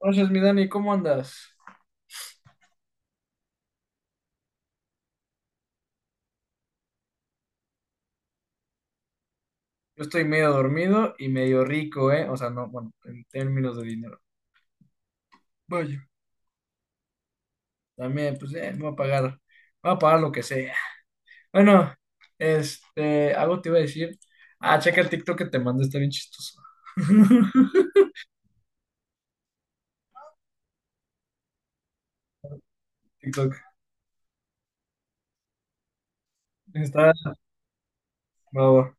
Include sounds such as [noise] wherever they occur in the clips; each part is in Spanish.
Entonces, mi Dani, ¿cómo andas? Yo estoy medio dormido y medio rico, ¿eh? O sea, no, bueno, en términos de dinero. Vaya. También, pues, me voy a pagar lo que sea. Bueno, algo te iba a decir. Ah, checa el TikTok que te mandé, está bien chistoso. [laughs] TikTok, está, bravo.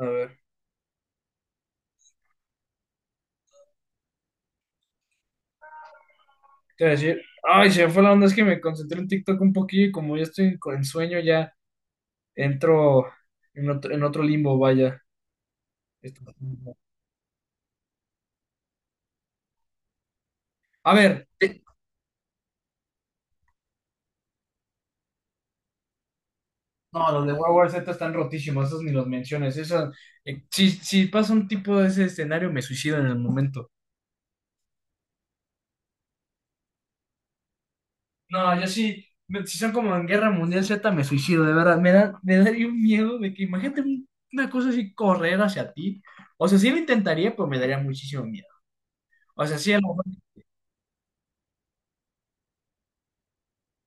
A ver, te iba a decir, ay, se me fue la onda, es que me concentré en TikTok un poquillo y como ya estoy en sueño, ya entro en otro limbo, vaya. Esto- A ver. No, los de World War Z están rotísimos, esos ni los menciones. Eso, si pasa un tipo de ese escenario, me suicido en el momento. No, yo sí, si son como en Guerra Mundial Z, me suicido, de verdad. Me daría un miedo de que imagínate una cosa así correr hacia ti. O sea, sí lo intentaría, pero me daría muchísimo miedo. O sea, sí,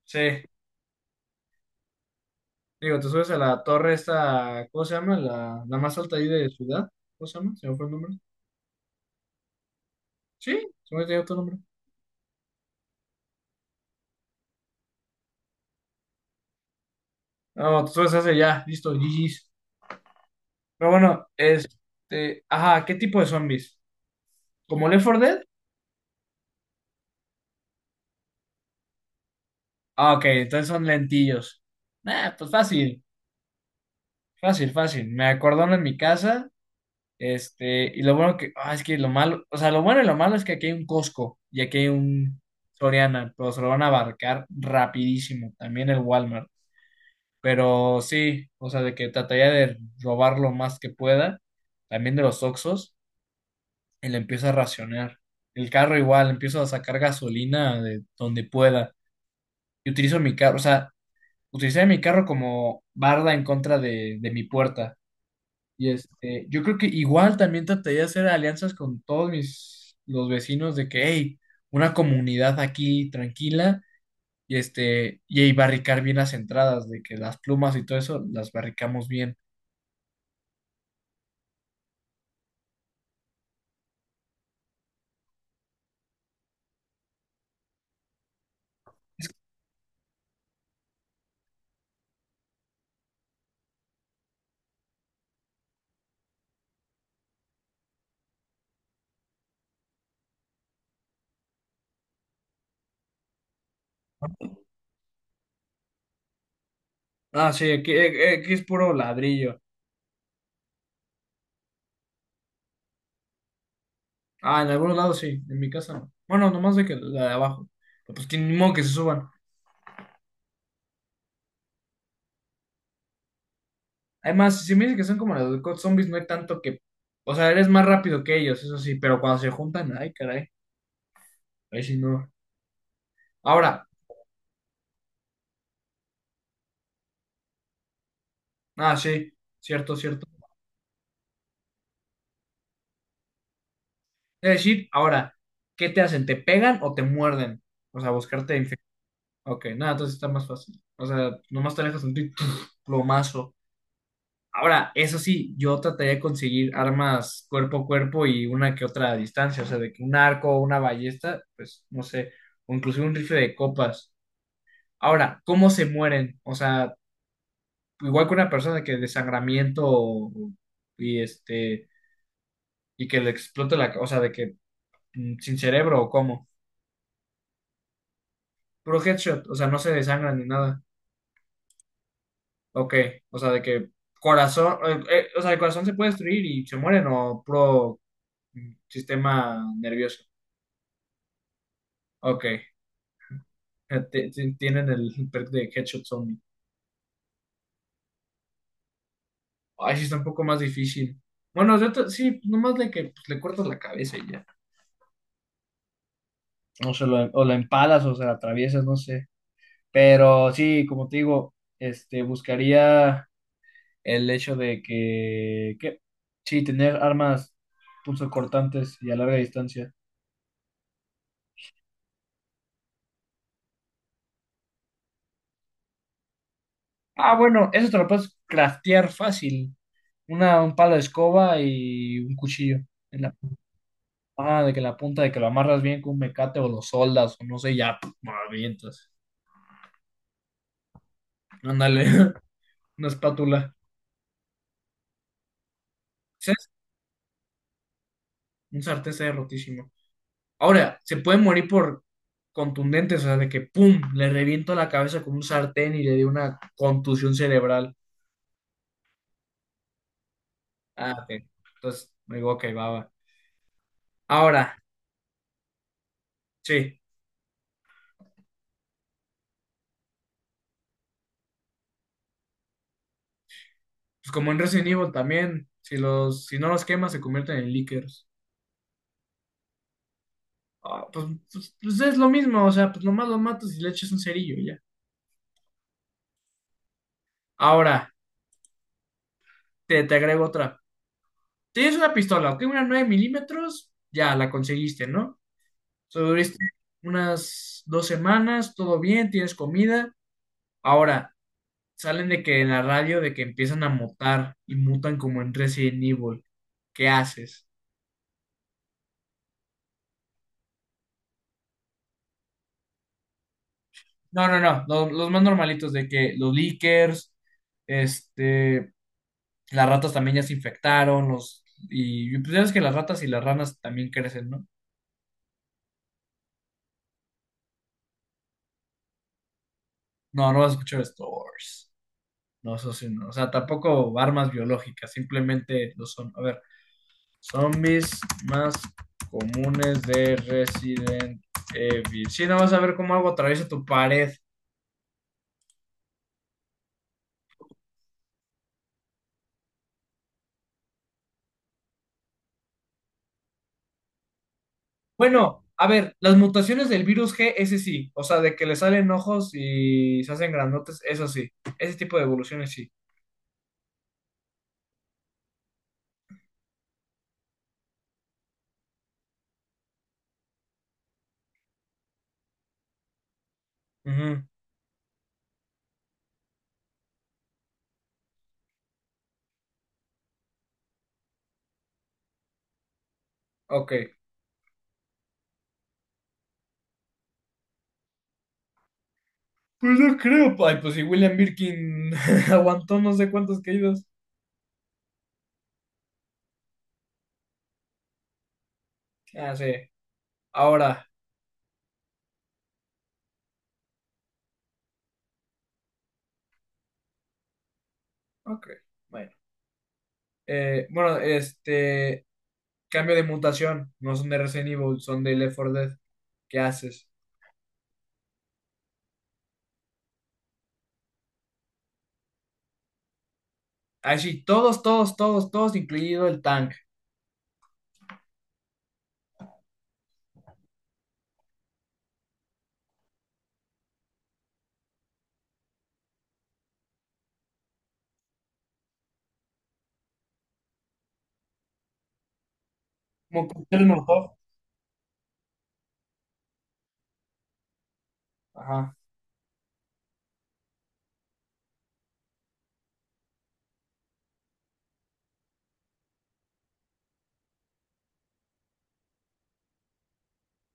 sí. Digo, te subes a la torre esta, ¿cómo se llama? La más alta ahí de ciudad. ¿Cómo se llama? ¿Se me fue el nombre? Sí, se me olvidó tu nombre. No, te subes a ese ya, listo, GG's. Pero bueno, ajá, ¿qué tipo de zombies? ¿Como Left 4 Dead? Ah, ok, entonces son lentillos. Nah, pues fácil, fácil, fácil. Me acordaron en mi casa, y lo bueno que, es que lo malo, o sea, lo bueno y lo malo es que aquí hay un Costco y aquí hay un Soriana, pero se lo van a abarcar rapidísimo, también el Walmart. Pero sí, o sea, de que trataría de robar lo más que pueda, también de los Oxxos. Él empieza a racionar. El carro igual, empiezo a sacar gasolina de donde pueda. Y utilizo mi carro, o sea, utilicé mi carro como barda en contra de mi puerta. Y yo creo que igual también trataría de hacer alianzas con todos mis, los vecinos de que, hey, una comunidad aquí tranquila y y ahí barricar bien las entradas, de que las plumas y todo eso las barricamos bien. Ah, sí, aquí, aquí es puro ladrillo. Ah, en algunos lados sí, en mi casa no. Bueno, nomás de que la de abajo. Pero pues que ni modo que se suban. Además, si me dicen que son como las de COD Zombies, no hay tanto que. O sea, eres más rápido que ellos, eso sí, pero cuando se juntan, ay, caray. Ahí sí no. Ahora, sí, cierto, cierto. Es decir, ahora, ¿qué te hacen? ¿Te pegan o te muerden? O sea, buscarte infección. Ok, nada, entonces está más fácil. O sea, nomás te alejas un [laughs] [tsk] plomazo. Ahora, eso sí, yo trataría de conseguir armas cuerpo a cuerpo y una que otra a distancia, o sea, de que un arco o una ballesta, pues no sé, o inclusive un rifle de copas. Ahora, ¿cómo se mueren? O sea, igual que una persona que desangramiento y este y que le explote o sea, de que sin cerebro o cómo. Puro headshot, o sea, no se desangran ni nada. Ok, o sea, de que corazón, o sea, el corazón se puede destruir y se mueren o puro sistema nervioso. Ok. Tienen el perk de Headshot Zombie. Ay, sí está un poco más difícil. Bueno, sí, pues, nomás de que pues, le cortas la cabeza y ya. O la empalas o se la atraviesas, no sé. Pero sí, como te digo, buscaría el hecho de que sí, tener armas punzocortantes y a larga distancia. Ah, bueno, eso te lo puedes craftear fácil. Un palo de escoba y un cuchillo en la. Ah, de que la punta, de que lo amarras bien con un mecate o lo soldas, o no sé, ya, puf, lo avientas. Ándale, [laughs] una espátula. ¿Sabes? Un sartén está rotísimo. Ahora, se puede morir por contundentes, o sea, de que pum, le reviento la cabeza con un sartén y le di una contusión cerebral. Ah, ok. Entonces, me digo, ok, va, va. Ahora, sí, pues como en Resident Evil también, si no los quemas, se convierten en lickers. Ah, pues es lo mismo, o sea, pues nomás los matas y le echas un cerillo y ya. Ahora. Te agrego otra. Tienes una pistola, ok, una 9 milímetros, ya la conseguiste, ¿no? So, unas dos semanas, todo bien, tienes comida. Ahora, salen de que en la radio de que empiezan a mutar y mutan como en Resident Evil. ¿Qué haces? No, no, no, los, más normalitos de que los leakers, este, las ratas también ya se infectaron, y pues ya ves que las ratas y las ranas también crecen, ¿no? No, no vas a escuchar esto. No, eso sí, no. O sea, tampoco armas biológicas, simplemente lo son. A ver, zombies más comunes de Resident Evil. Sí, no vas a ver cómo algo atraviesa tu pared. Bueno, a ver, las mutaciones del virus G, ese sí. O sea, de que le salen ojos y se hacen grandotes, eso sí. Ese tipo de evoluciones sí. Ujú, ok. Pues no creo. Ay, pues si William Birkin [laughs] aguantó no sé cuántas caídas. Ah, sí. Ahora. Ok. Bueno. Eh, bueno, este. Cambio de mutación. No son de Resident Evil, son de Left 4 Dead. ¿Qué haces? Ah, sí, todos, todos, todos, todos, incluido el tank. Como cócteles Molotov. Ajá,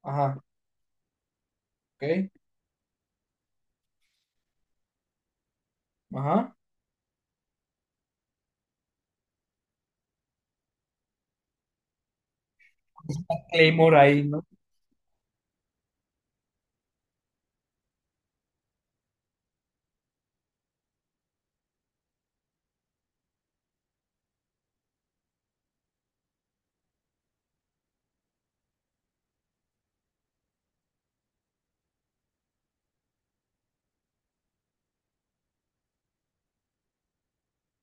ajá, ok, ajá. Claymore ahí, ¿no?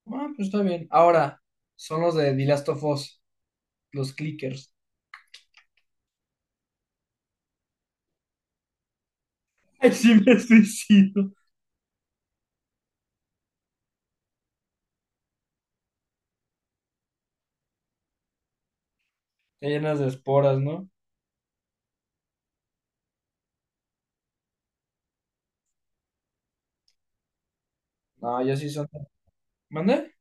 Ah, pues está bien. Ahora, son los de The Last of Us, los clickers. Ay, sí me suicido. Están llenas de esporas, ¿no? No, ya sí son. ¿Mande?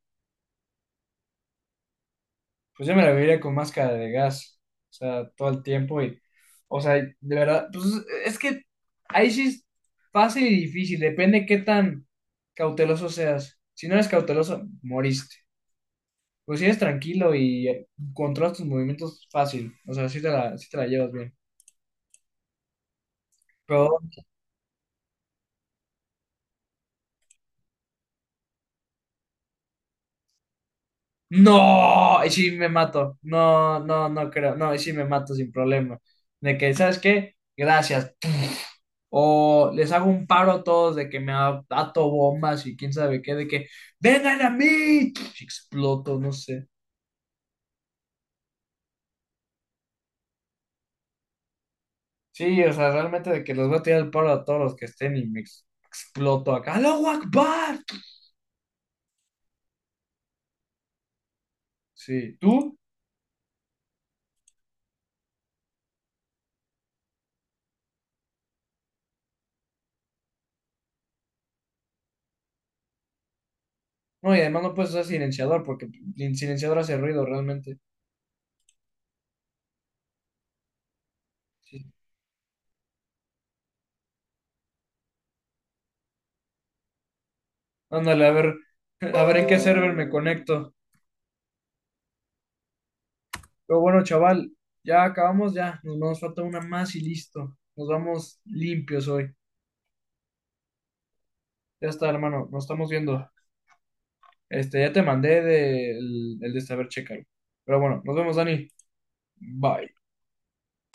Pues yo me la viviría con máscara de gas, o sea, todo el tiempo y, o sea, de verdad, pues es que ahí sí es fácil y difícil, depende qué tan cauteloso seas. Si no eres cauteloso, moriste. Pues si eres tranquilo y controlas tus movimientos fácil, o sea, sí te la llevas bien. Pero, no, y sí me mato, no, no, no creo, no, y sí me mato sin problema. De que, ¿sabes qué? Gracias, o les hago un paro a todos de que me ato bombas y quién sabe qué, de que vengan a mí, exploto, no sé. Sí, o sea, realmente de que les voy a tirar el paro a todos los que estén y me exploto acá. ¡Aló, Akbar! Sí, ¿tú? No, y además no puedes usar silenciador porque el silenciador hace ruido realmente. Sí. Ándale, a ver en qué server me conecto. Pero bueno, chaval, ya acabamos, ya. Nos falta una más y listo. Nos vamos limpios hoy. Ya está, hermano, nos estamos viendo. Ya te mandé el de saber checar. Pero bueno, nos vemos, Dani. Bye.